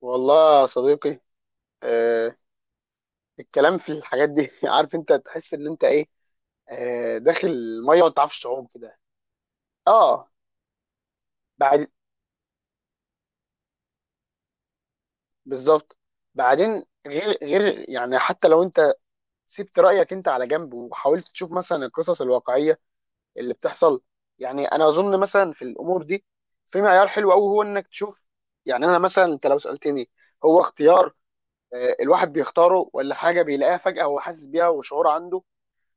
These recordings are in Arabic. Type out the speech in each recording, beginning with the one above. والله يا صديقي، آه الكلام في الحاجات دي عارف انت تحس ان انت ايه، داخل الميه وما تعرفش تعوم كده. اه. بعد. بالظبط. بعدين غير يعني حتى لو انت سبت رايك انت على جنب وحاولت تشوف مثلا القصص الواقعيه اللي بتحصل. يعني انا اظن مثلا في الامور دي في معيار حلو قوي هو انك تشوف. يعني انا مثلا انت لو سالتني هو اختيار، الواحد بيختاره ولا حاجه بيلاقيها فجاه وحاسس بيها وشعور عنده؟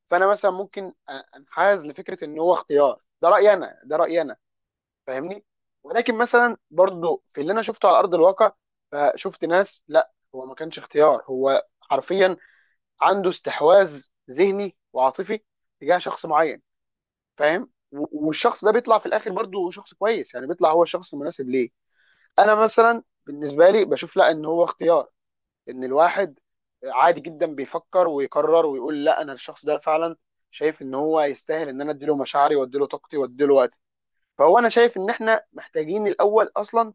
فانا مثلا ممكن انحاز لفكره ان هو اختيار، ده رايي انا، ده رايي انا. فاهمني؟ ولكن مثلا برضو في اللي انا شفته على ارض الواقع، فشفت ناس لا، هو ما كانش اختيار، هو حرفيا عنده استحواذ ذهني وعاطفي تجاه شخص معين. فاهم؟ والشخص ده بيطلع في الاخر برضو شخص كويس، يعني بيطلع هو الشخص المناسب ليه. انا مثلا بالنسبه لي بشوف لا، ان هو اختيار، ان الواحد عادي جدا بيفكر ويقرر ويقول لا، انا الشخص ده فعلا شايف ان هو يستاهل ان انا اديله مشاعري واديله طاقتي واديله وقتي. فهو انا شايف ان احنا محتاجين الاول اصلا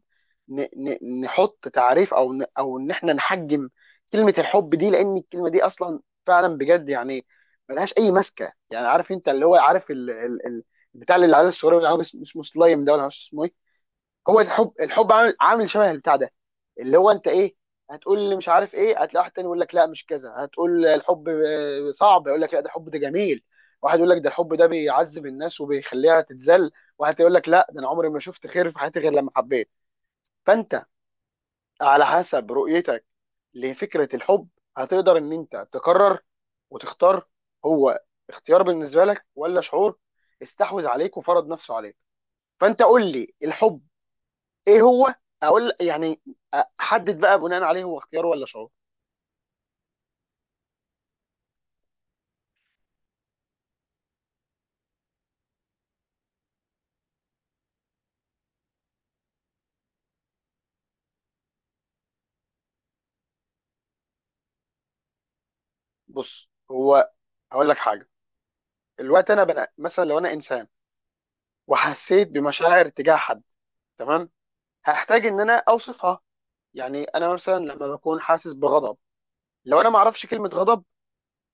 ن- نحط تعريف، او او ان احنا نحجم كلمة الحب دي، لان الكلمة دي اصلا فعلا بجد يعني ملهاش اي ماسكة. يعني عارف انت، اللي هو عارف ال بتاع اللي على السوري، اللي عارف اسمه سلايم ده، ولا مش عارف اسمه ايه؟ هو الحب، الحب عامل شبه البتاع ده، اللي هو انت ايه، هتقول لي مش عارف ايه، هتلاقي واحد تاني يقول لك لا مش كذا. هتقول الحب صعب، يقول لك لا، ده الحب ده جميل. واحد يقول لك ده الحب ده بيعذب الناس وبيخليها تتذل. واحد يقول لك لا، ده انا عمري ما شفت خير في حياتي غير لما حبيت. فانت على حسب رؤيتك لفكرة الحب هتقدر ان انت تقرر وتختار: هو اختيار بالنسبة لك، ولا شعور استحوذ عليك وفرض نفسه عليك؟ فانت قول لي الحب ايه هو، اقول يعني، احدد بقى بناء عليه هو اختيار ولا شعور. بص، هو هقول لك حاجه. الوقت انا مثلا لو انا انسان وحسيت بمشاعر تجاه حد، تمام؟ هحتاج ان انا اوصفها. يعني انا مثلا لما بكون حاسس بغضب، لو انا ما اعرفش كلمه غضب،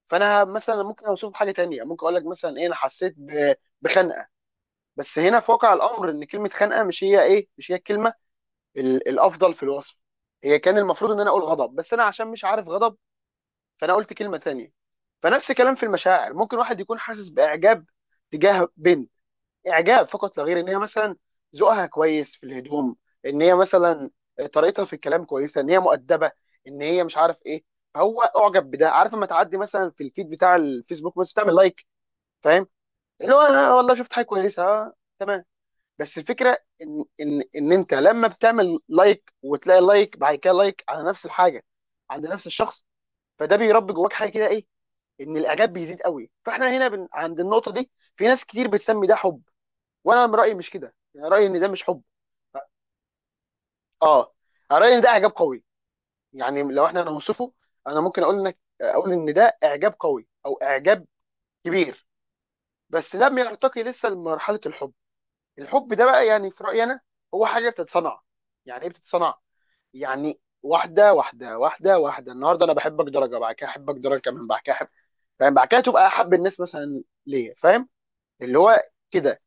فانا مثلا ممكن اوصفه بحاجه تانية، ممكن اقول لك مثلا ايه، انا حسيت بخنقه. بس هنا في واقع الامر ان كلمه خنقه مش هي ايه، مش هي الكلمه الافضل في الوصف. هي كان المفروض ان انا اقول غضب، بس انا عشان مش عارف غضب، فانا قلت كلمه تانية. فنفس الكلام في المشاعر، ممكن واحد يكون حاسس باعجاب تجاه بنت، اعجاب فقط لا غير، ان هي مثلا ذوقها كويس في الهدوم، ان هي مثلا طريقتها في الكلام كويسه، ان هي مؤدبه، ان هي مش عارف ايه. فهو اعجب بده، عارف لما تعدي مثلا في الفيد بتاع الفيسبوك بس بتعمل لايك، فاهم؟ اللي هو انا والله شفت حاجه كويسه، تمام. بس الفكره ان انت لما بتعمل لايك وتلاقي لايك بعد كده لايك على نفس الحاجه عند نفس الشخص، فده بيربي جواك حاجه كده، ايه؟ ان الاعجاب بيزيد قوي. فاحنا هنا عند النقطه دي في ناس كتير بتسمي ده حب، وانا من رايي مش كده، يعني رايي ان ده مش حب. اه، أنا رايي ان ده اعجاب قوي. يعني لو احنا نوصفه، انا ممكن اقول انك اقول ان ده اعجاب قوي او اعجاب كبير، بس لم يرتقي لسه لمرحله الحب. الحب ده بقى يعني في رايي انا هو حاجه بتتصنع. يعني ايه بتتصنع؟ يعني واحده واحده واحده واحده، النهارده انا بحبك درجه، بعد كده احبك درجه كمان، بعد كده احب، فاهم؟ بعد كده تبقى احب الناس مثلا ليا، فاهم؟ اللي هو كده.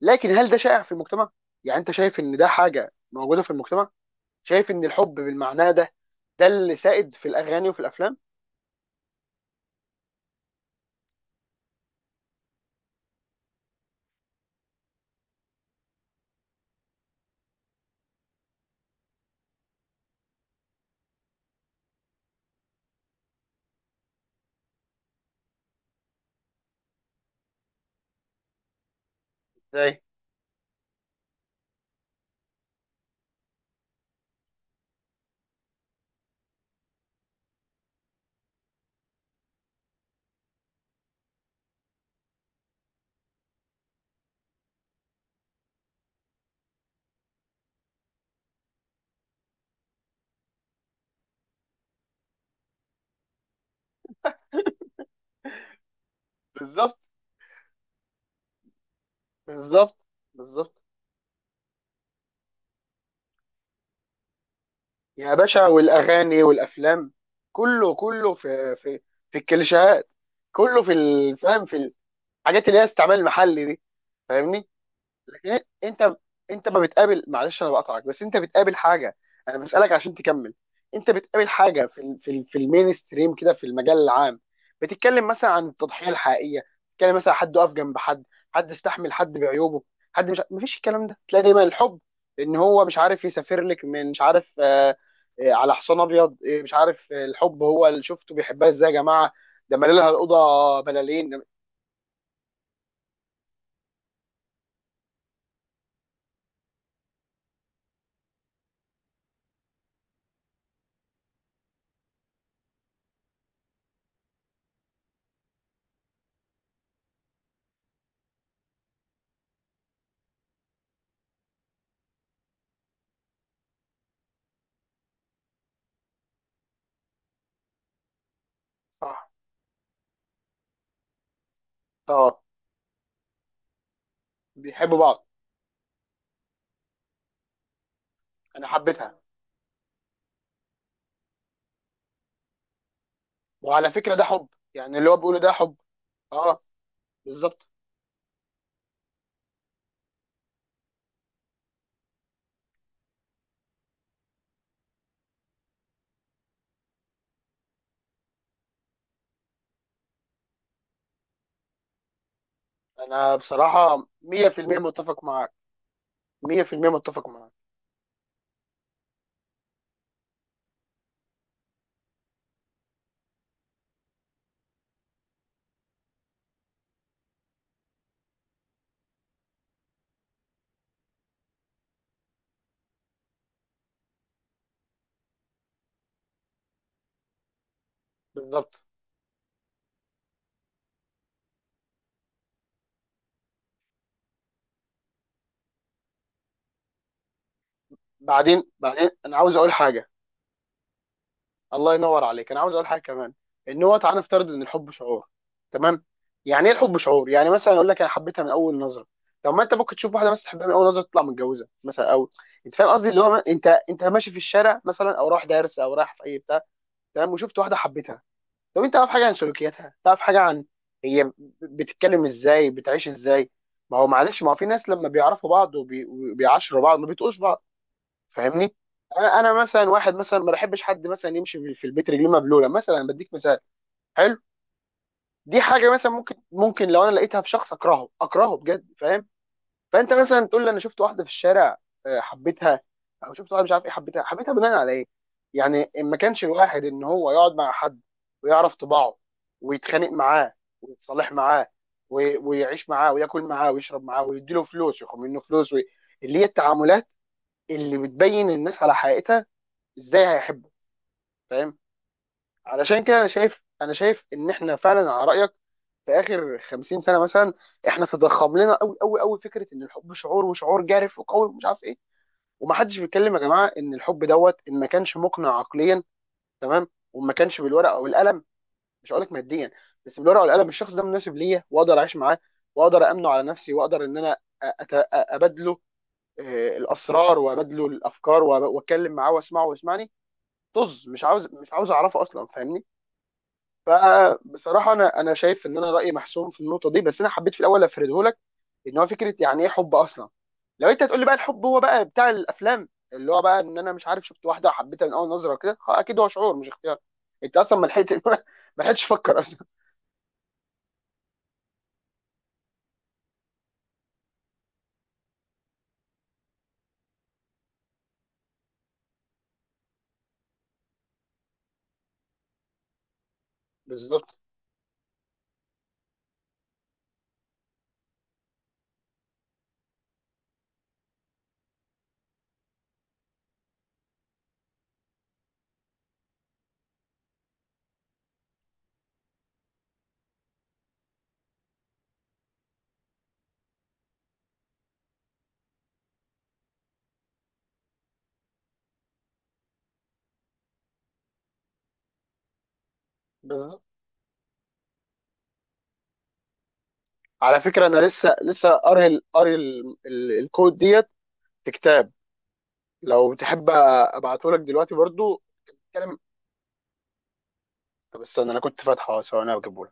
لكن هل ده شائع في المجتمع؟ يعني انت شايف ان ده حاجه موجوده في المجتمع؟ شايف ان الحب بالمعنى ده، ده اللي سائد في الاغاني وفي الافلام؟ ازاي؟ بالظبط. بالظبط. بالظبط يا باشا، والاغاني والافلام كله كله في الكليشيهات، كله في الفهم، في الحاجات اللي هي استعمال المحلي دي، فاهمني؟ لكن إيه؟ انت، انت ما بتقابل، معلش انا بقطعك، بس انت بتقابل حاجه، انا بسالك عشان تكمل. انت بتقابل حاجه في المين ستريم كده في المجال العام، بتتكلم مثلا عن التضحيه الحقيقيه، بتتكلم مثلا حد وقف جنب حد، حد استحمل حد بعيوبه، حد مش مفيش الكلام ده، تلاقي دايما الحب ان هو مش عارف يسافر لك من مش عارف، على حصان ابيض، آه مش عارف، آه الحب هو اللي شفته بيحبها ازاي يا جماعه، ده مالي لها الاوضه بلالين صح. طار. بيحبوا بعض. انا حبيتها. وعلى فكره ده حب، يعني اللي هو بيقوله ده حب. اه، بالظبط. انا بصراحه 100% متفق معاك. 100% متفق معاك. بالظبط. بعدين انا عاوز اقول حاجه. الله ينور عليك، انا عاوز اقول حاجه كمان: ان هو تعالى نفترض ان الحب شعور، تمام؟ يعني ايه الحب شعور؟ يعني مثلا اقول لك انا حبيتها من اول نظره. طب ما انت ممكن تشوف واحده مثلا تحبها من اول نظره تطلع متجوزه مثلا، او انت فاهم قصدي؟ اللي هو انت، انت ماشي في الشارع مثلا او رايح دارس او رايح في اي بتاع، تمام، وشفت واحده حبيتها. طب انت تعرف حاجه عن سلوكياتها، تعرف حاجه عن هي بتتكلم ازاي، بتعيش ازاي؟ ما هو معلش، ما هو في ناس لما بيعرفوا بعض وبيعاشروا بعض ما بيتقوش بعض. فاهمني؟ انا مثلا واحد مثلا ما بحبش حد مثلا يمشي في البيت رجليه مبلوله، مثلا بديك مثال. حلو. دي حاجه مثلا ممكن لو انا لقيتها في شخص اكرهه اكرهه بجد، فاهم؟ فانت مثلا تقول لي انا شفت واحده في الشارع، حبيتها، او شفت واحده مش عارف ايه حبيتها. حبيتها بناء على ايه؟ يعني إن ما كانش الواحد ان هو يقعد مع حد ويعرف طباعه، ويتخانق معاه ويتصالح معاه ويعيش معاه وياكل معاه ويشرب معاه ويديله فلوس وياخد منه فلوس اللي هي التعاملات اللي بتبين الناس على حقيقتها، ازاي هيحبه؟ فاهم؟ علشان كده انا شايف ان احنا فعلا على رايك، في اخر 50 سنه مثلا احنا تضخم لنا قوي قوي قوي فكره ان الحب شعور، وشعور جارف وقوي ومش عارف إيه. ومحدش بيتكلم يا جماعه ان الحب دوت، ان ما كانش مقنع عقليا، تمام، وما كانش بالورقه او القلم. مش هقول لك ماديا، بس بالورقه والقلم الشخص ده مناسب ليا، واقدر اعيش معاه، واقدر امنه على نفسي، واقدر ان انا ابادله، الاسرار، وابادله الافكار، واتكلم معاه واسمعه ويسمعني. طز، مش عاوز مش عاوز اعرفه اصلا، فاهمني؟ فبصراحه انا شايف ان انا رايي محسوم في النقطه دي، بس انا حبيت في الاول افرده لك: ان هو فكره يعني ايه حب اصلا. لو انت تقول لي بقى الحب هو بقى بتاع الافلام، اللي هو بقى ان انا مش عارف، شفت واحده وحبيتها من اول نظره وكده، اكيد هو شعور مش اختيار. انت اصلا ما لحقت ما لحقتش تفكر اصلا. بالظبط. بالظبط. على فكره انا لسه قاري الكود ديت في كتاب، لو تحب ابعته لك دلوقتي برضو. اتكلم. طب استنى، انا كنت فاتحه، ثواني اجيبه.